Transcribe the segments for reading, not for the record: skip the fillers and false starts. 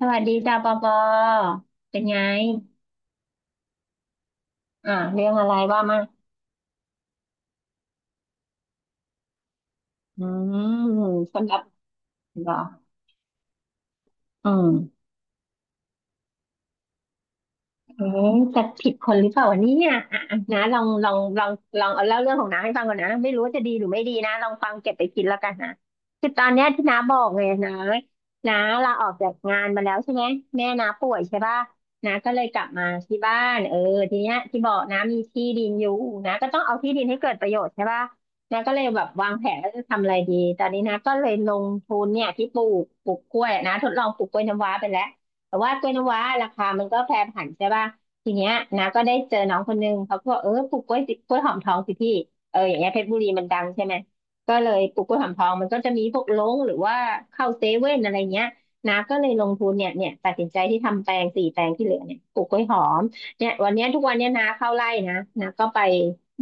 สวัสดีจ้าปอปอเป็นไงอ่าเรื่องอะไรว่ามา อืม สำหรับเหรออืม เอ๊ะจะผิดคนหรือเปล่าวะเนี่ยอ่ะนะลองเอาเล่าเรื่องของน้าให้ฟังก่อนนะไม่รู้ว่าจะดีหรือไม่ดีนะลองฟังเก็บไปคิดแล้วกันนะคือตอนเนี้ยที่น้าบอกไงนะน้าลาออกจากงานมาแล้วใช่ไหมแม่น้าป่วยใช่ป่ะน้าก็เลยกลับมาที่บ้านเออทีเนี้ยที่บอกน้ามีที่ดินอยู่นะก็ต้องเอาที่ดินให้เกิดประโยชน์ใช่ป่ะน้าก็เลยแบบวางแผนว่าจะทำอะไรดีตอนนี้น้าก็เลยลงทุนเนี่ยที่ปลูกกล้วยนะทดลองปลูกกล้วยน้ำว้าไปแล้ว แต่ว่ากล้วยน้ำว้าราคามันก็แปรผันใช่ป่ะทีเนี้ยนะก็ได้เจอน้องคนนึงเขาก็บอกเออปลูกกล้วยสิกล้วยหอมทองสิพี่เอออย่างเงี้ยเพชรบุรีมันดังใช่ไหมก็เลยปลูกกล้วยหอมทองมันก็จะมีพวกลงหรือว่าเข้าเซเว่นอะไรเงี้ยนะก็เลยลงทุนเนี่ยตัดสินใจที่ทำแปลงสี่แปลงที่เหลือเนี่ยปลูกกล้วยหอมเนี่ยวันเนี้ยทุกวันเนี้ยนาเข้าไร่นะนาก็ไป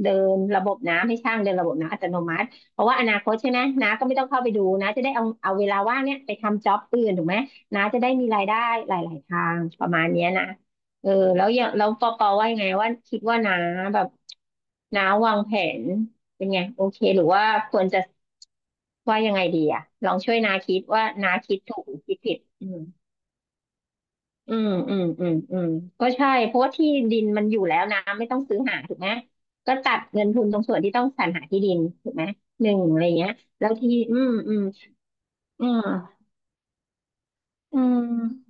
เดินระบบน้ำให้ช่างเดินระบบน้ำอัตโนมัติเพราะว่าอนาคตใช่ไหมนาก็ไม่ต้องเข้าไปดูนะจะได้เอาเวลาว่างเนี่ยไปทำจ็อบอื่นถูกไหม นะจะได้มีรายได้หลายๆ ทางประมาณเนี้ยนะเออแล้วอย่างแล้วปอปอว่ายังไงว่าคิดว่านาแบบนาวางแผนเป็นไงโอเคหรือว่าควรจะว่ายังไงดีอะลองช่วยนาคิดว่านาคิดถูกหรือคิดผิดอืมอืมอืมอืมก็ใช่เพราะว่าที่ดินมันอยู่แล้วนะไม่ต้องซื้อหาถูกไหมก็ตัดเงินทุนตรงส่วนที่ต้องสรรหาที่ดินถูกไหมหนึ่งอะไรเงี้ยแล้วที่อืมอืม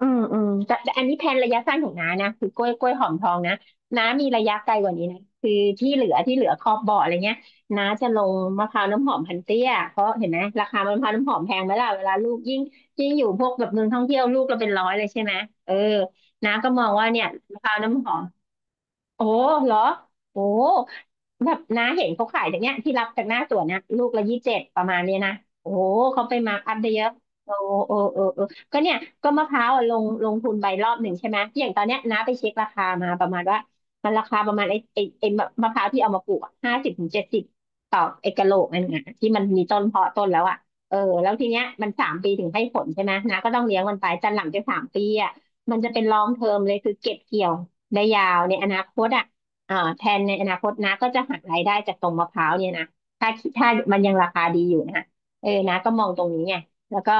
แต่อันนี้แผนระยะสั้นของน้านะคือกล้วยหอมทองนะน้ามีระยะไกลกว่านี้นะคือที่เหลือครอบบ่ออะไรเงี้ยน้าจะลงมะพร้าวน้ำหอมพันเตี้ยเพราะเห็นไหมราคามะพร้าวน้ำหอมแพงไหมล่ะเวลาลูกยิ่งอยู่พวกแบบเมืองท่องเที่ยวลูกเราเป็นร้อยเลยใช่ไหมเออน้าก็มองว่าเนี่ยมะพร้าวน้ำหอมโอ้เหรอโอ้ แบบน้าเห็นเขาขายจากเนี้ยที่รับจากหน้าสวนนะลูกละ27ประมาณเนี้ยนะโอ้โหเขาไปมาร์คอัพได้เยอะโอ้โอ้โอ้โอ้ก็เนี่ยก็มะพร้าวอะลงทุนไปรอบหนึ่งใช่ไหมอย่างตอนเนี้ยน้าไปเช็คราคามาประมาณว่ามันราคาประมาณไอ้มะมะพร้าวที่เอามาปลูก50 ถึง 70ต่อไอ้กะโหลกนั่นไงที่มันมีต้นเพาะต้นแล้วอ่ะเออแล้วทีเนี้ยมันสามปีถึงให้ผลใช่ไหมน้าก็ต้องเลี้ยงมันไปจนหลังจากสามปีอ่ะมันจะเป็นลองเทอมเลยคือเก็บเกี่ยวได้ยาวในอนาคตอ่ะ อ่าแผนในอนาคตนะก็จะหักรายได้จากตรงมะพร้าวเนี่ยนะถ้าถ้ามันยังราคาดีอยู่นะเออนะก็มองตรงนี้ไงแล้วก็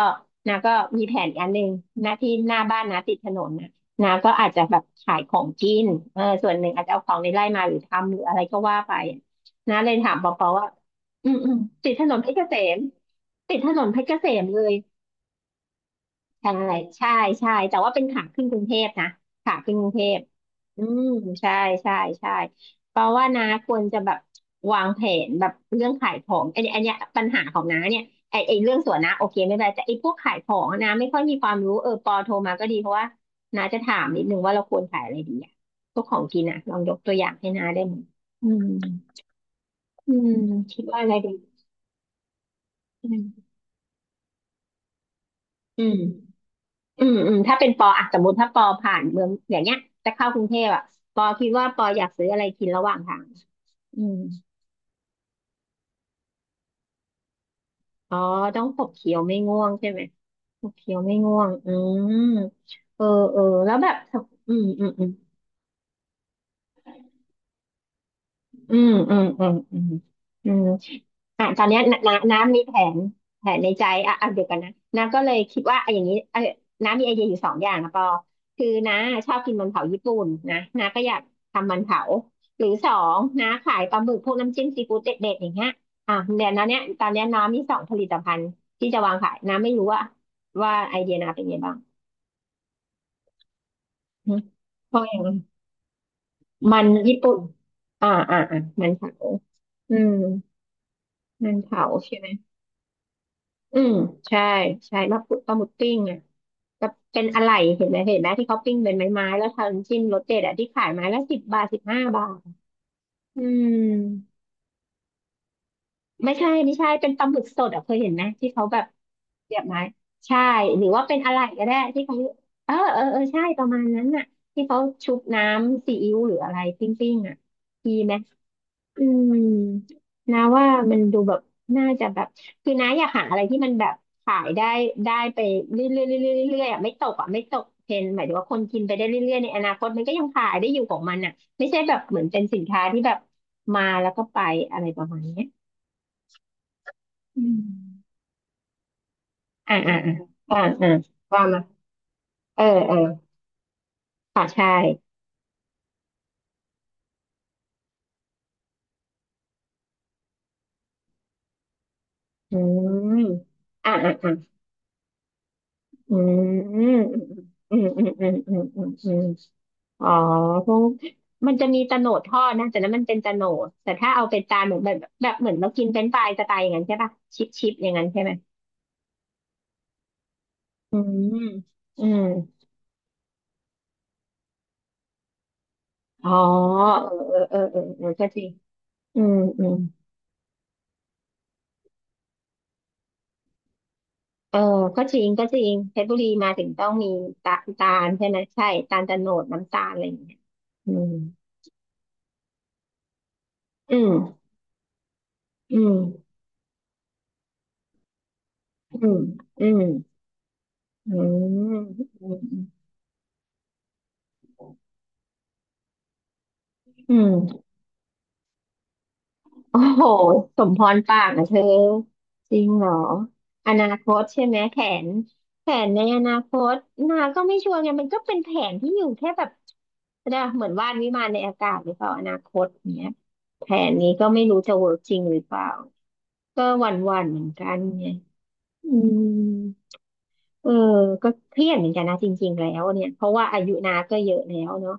นะก็มีแผนอีกอันหนึ่งนะที่หน้าบ้านนะติดถนนนะนะก็อาจจะแบบขายของกินเออส่วนหนึ่งอาจจะเอาของในไร่มาหรือทำหรืออะไรก็ว่าไปนะเลยถามปอปอว่าอืมอืมติดถนนเพชรเกษมติดถนนเพชรเกษมเลย ใช่ใช่ใช่แต่ว่าเป็นขาขึ้นกรุงเทพนะขาขึ้นกรุงเทพอืมใช่ใช่ใช่เพราะว่านาควรจะแบบวางแผนแบบเรื่องขายของอันนี้อันเนี้ยปัญหาของน้าเนี่ยไอเรื่องสวนนะโอเคไม่เป็นไรแต่ไอพวกขายของอะนะไม่ค่อยมีความรู้เออปอโทรมาก็ดีเพราะว่านาจะถามนิดนึงว่าเราควรขายอะไรดีอะพวกของกินอะลองยกตัวอย่างให้นาได้ไหมอืมอืมคิดว่าอะไรดีอืมอืม ถ้าเป็นปออ่ะสมมติถ้าปอผ่านเมืองอย่างเงี้ยจะเข้ากรุงเทพอ่ะปอคิดว่าปออยากซื้ออะไรกินระหว่างทางอืมอ๋อต้องขบเคี้ยวไม่ง่วงใช่ไหมขบเคี้ยวไม่ง่วงอืมเออเออแล้วแบบอืมอืมอืมอืมอืมอืมอืมอืม อ่ะตอนเนี้ยนน้าน้ำมีแผนแผนในใจอ่ะอ่ะเดี๋ยวกันนะน้าก็เลยคิดว่าไอ้อย่างนี้เออน้ามีไอเดียอยู่สองอย่างนะปอคือน้าชอบกินมันเผาญี่ปุ่นนะน้าก็อยากทำมันเผาหรือสองน้าขายปลาหมึกพวกน้ำจิ้มซีฟู้ดเด็ดๆอย่างเงี้ยอ่ะเดี๋ยวน้าเนี้ยตอนเนี้ยน้ามีสองผลิตภัณฑ์ที่จะวางขายน้าไม่รู้ว่าไอเดียน้าเป็นไงบ้างมเพราะอย่างมันญี่ปุ่นมันเผาอืมมันเผาใช่ไหม อืมใช่ใช่มะพร้าวปลาหมึกปิ้งอ่ะจะเป็นอะไรเห็นไหมเห็นไหมที่เขาปิ้งเป็นไม้ๆแล้วทำจิ้มรสเด็ดอ่ะที่ขายไม้ละสิบบาทสิบห้าบาทอืมไม่ใช่ไม่ใช่เป็นปลาหมึกสดอ่ะเคยเห็นไหมที่เขาแบบเสียบไม้ใช่หรือว่าเป็นอะไรก็ได้ที่เขาเออเออเออใช่ประมาณนั้นน่ะที่เขาชุบน้ำซีอิ๊วหรืออะไรปิ้งๆอ่ะดีไหม อืมนะว่ามันดูแบบน่าจะแบบคือนะอยากหาอะไรที่มันแบบขายได้ได้ไปเรื่อยๆเรื่อยๆเรื่อยๆอ่ะไม่ตกอ่ะไม่ตกเทรนด์หมายถึงว่าคนกินไปได้เรื่อยๆในอนาคตมันก็ยังขายได้อยู่ของมันอ่ะไม่ใช่แบบเหมือนเป็นสินค้าที่แบบมาแล้วก็ไปอะไรประมาณเนี้ยอืมอ่าอ่าอ่าอ่าอ่าว่ามาเออเออค่ะใช่อืมอ่าอ่าอ่าอืมอืมอืมอืมอืมอืมอืม อ๋อคกมันจะมีโะโหนดทอดนะแต่นั้นมันเป็นตะโหนดแต่ถ้าเอาเป็นจานเหมือนแบบเหมือนเรากินเป็นช์ฟรายสไตล์อย่างนั้นใช่ปะชิปอย่างนั้นใช่ไหมอืมอืมอ๋อเออก็จริงอืมอืมเออก็จริงก็จริงเพชรบุรีมาถึงต้องมีตาตาลใช่ไหมใช่ตาลโตะโหนดน้ำตาลอะไรอย่างเงี้ยอืม อืมอืมอืมอืมอืมอืมอืม โอ้โหสมพรปากนะเธอจริงเหรออนาคตใช่ไหมแผนแผนในอนาคตนาก็ไม่ชัวร์ไงมันก็เป็นแผนที่อยู่แค่แบบนะเหมือนวาดวิมานในอากาศหรือเปล่าอนาคตเนี้ยแผนนี้ก็ไม่รู้จะเวิร์กจริงหรือเปล่าก็หวั่นๆเหมือนกันไงอืม เออก็เครียดเหมือนกันนะจริงๆแล้วเนี่ยเพราะว่าอายุนาก็เยอะแล้วเนาะ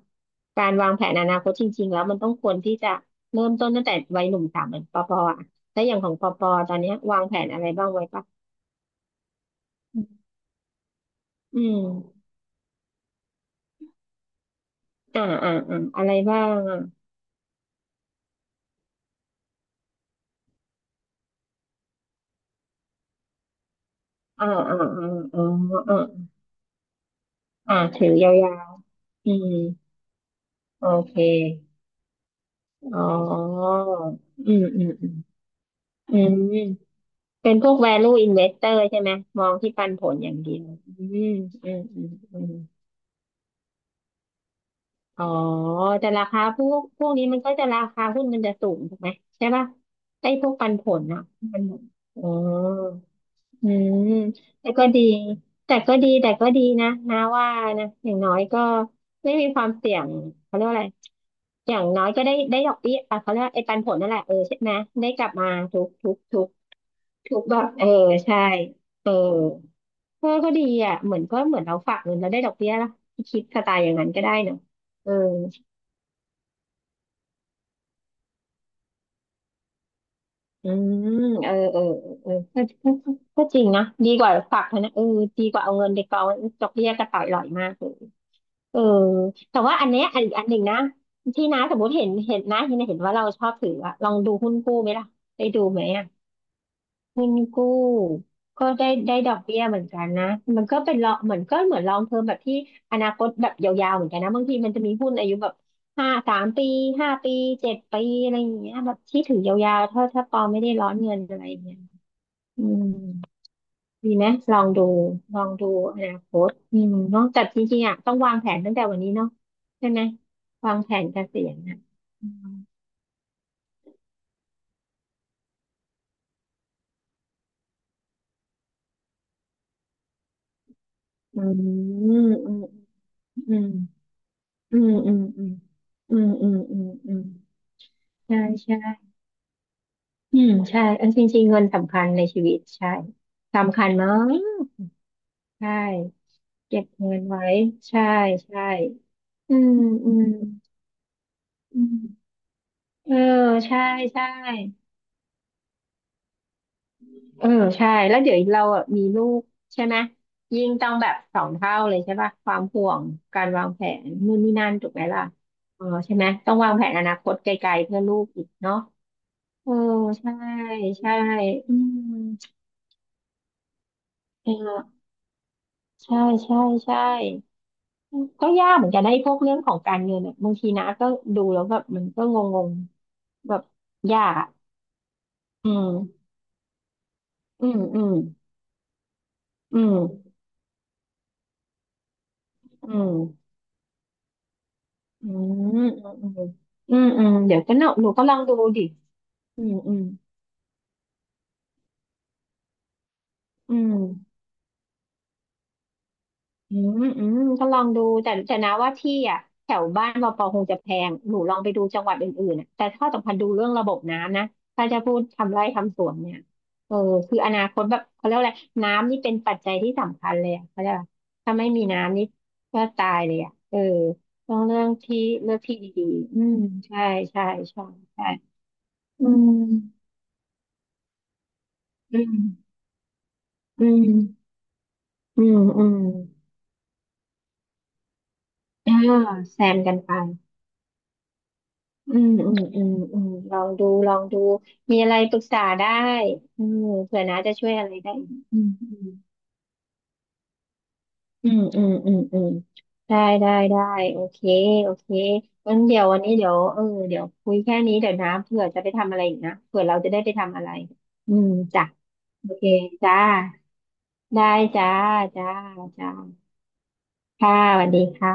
การวางแผนอนาคตจริงๆแล้วมันต้องควรที่จะเริ่มต้นตั้งแต่วัยหนุ่มสาวเหมือนปอปออะแล้วอย่างของปอปอตอนเนี้ยวางแผนอะไรบ้างไว้ปะอืมอะไรบ้างอ่ะอ่าอ่าอ่าอ๋ออ่าถือยาวๆอืมโอเคอ๋ออืมอืมอืมอืมเป็นพวก value investor ใช่ไหมมองที่ปันผลอย่างเดียวอืมอืมอืมอืม อ๋อแต่ราคาพวกนี้มันก็จะราคาหุ้นมันจะสูงถูกไหมใช่ป่ะไอ้พวกปันผลอ่ะมันหมดอ๋ออืมแต่ก็ดีแต่ก็ดีแต่ก็ดีนะว่านะอย่างน้อยก็ไม่มีความเสี่ยงเขาเรียกว่าอะไรอย่างน้อยก็ได้ได้ดอกเบี้ยอ่ะเขาเรียกว่าไอ้ปันผลนั่นแหละเออใช่ไหมได้กลับมาทุกทุกทุกทุกแบบเออใช่เออเออก็ดีอ่ะเหมือนก็เหมือนเราฝากเงินแล้วได้ดอกเบี้ยล่ะคิดสไตล์อย่างนั้นก็ได้เนอะเออ อืมเออก็จริงนะดีกว่าฝากธนะเออดีกว่าเอาเงินไปกองดอกเบี้ยกระต่ายลอยมากเลยเออแต่ว่าอันเนี้ยอันอีกอันหนึ่งนะที่น้าสมมติเห็นนะที่น้าเห็นว่าเราชอบถืออะลองดูหุ้นกู้ไหมล่ะได้ดูไหมอะหุ้นกู้ก็ได้ได้ดอกเบี้ยเหมือนกันนะมันก็เป็นลองเหมือนก็เหมือนลองเทอมแบบที่อนาคตแบบยาวๆเหมือนกันนะบางทีมันจะมีหุ้นอายุแบบห้าสามปีห้าปีเจ็ดปีอะไรอย่างเงี้ยแบบที่ถือยาวๆถ้าปอไม่ได้ร้อนเงินอะไรอย่างเงี้ย อืมดีไหมลองดูลองดูอนาคตอืมเนอะแต่จริงๆอ่ะต้องวางแผนตั้งแต่วันนี้เนาะใช่ไหมวางแผนเกษียณอ่ะอืมอืมอืมอืมอืมอืมอืมอืมอืมอืมอืมใช่ใช่อืมใช่เอันจริงๆเงินสำคัญในชีวิตใช่สำคัญมากใช่เก็บเงินไว้ใช่ใช่อืมอืมอืมเออใช่ใช่ เออใช่แล้วเดี๋ยวเราอ่ะมีลูกใช่ไหมยิ่งต้องแบบสองเท่าเลยใช่ป่ะความห่วงการวางแผนนู่นนี่นั่นถูกไหมล่ะเออใช่ไหมต้องวางแผนอนาคตไกลๆเพื่อลูกอีกเนาะเออใช่ใช่อืมเออใช่ใช่ใช่ก็ยากเหมือนกันนะไอ้พวกเรื่องของการเงินอ่ะบางทีนะก็ดูแล้วแบบมันก็งงๆแบบยากอะอืมอืมอืมอืมอืม อืมอืมอืมอืมเดี๋ยวก็เนาะหนูก็ลองดูดิอืมอืมอืมอืมอืมก็ลองดู แต่นะว่าที่อ่ะแถวบ้านเราปอคงจะแพง หนูลองไปดูจังหวัดอื่นๆอะแต่ข้อสำคัญดูเรื่องระบบน้ำนะถ้าจะพูดทำไร่ทำสวนเนี่ยเออคืออนาคตแบบเขาเรียกว่าอะไรน้ำนี่เป็นปัจจัยที่สำคัญเลยอะเขาเรียกว่าถ้าไม่มีน้ำนี่ก็ตายเลยอ่ะเออต้องเรื่องที่เลือกที่ดีๆอืมใช่ใช่ใช่ใช่อืมอืมอืม อืมอืมอ่าแซมกันไปอืมอืมอืมอืมลองดูลองดูมีอะไรปรึกษาได้อืมเผื่อน้าจะช่วยอะไรได้อีกอืมอืมอืมอืมอืมได้ได้ได้โอเคโอเคงั้นเดี๋ยววันนี้เดี๋ยวเออเดี๋ยวคุยแค่นี้เดี๋ยวน้าเผื่อจะไปทำอะไรอีกนะเผื่อเราจะได้ไปทำอะไรอืมจ้ะโอเคจ้าได้จ้าจ้าจ้าค่ะสวัสดีค่ะ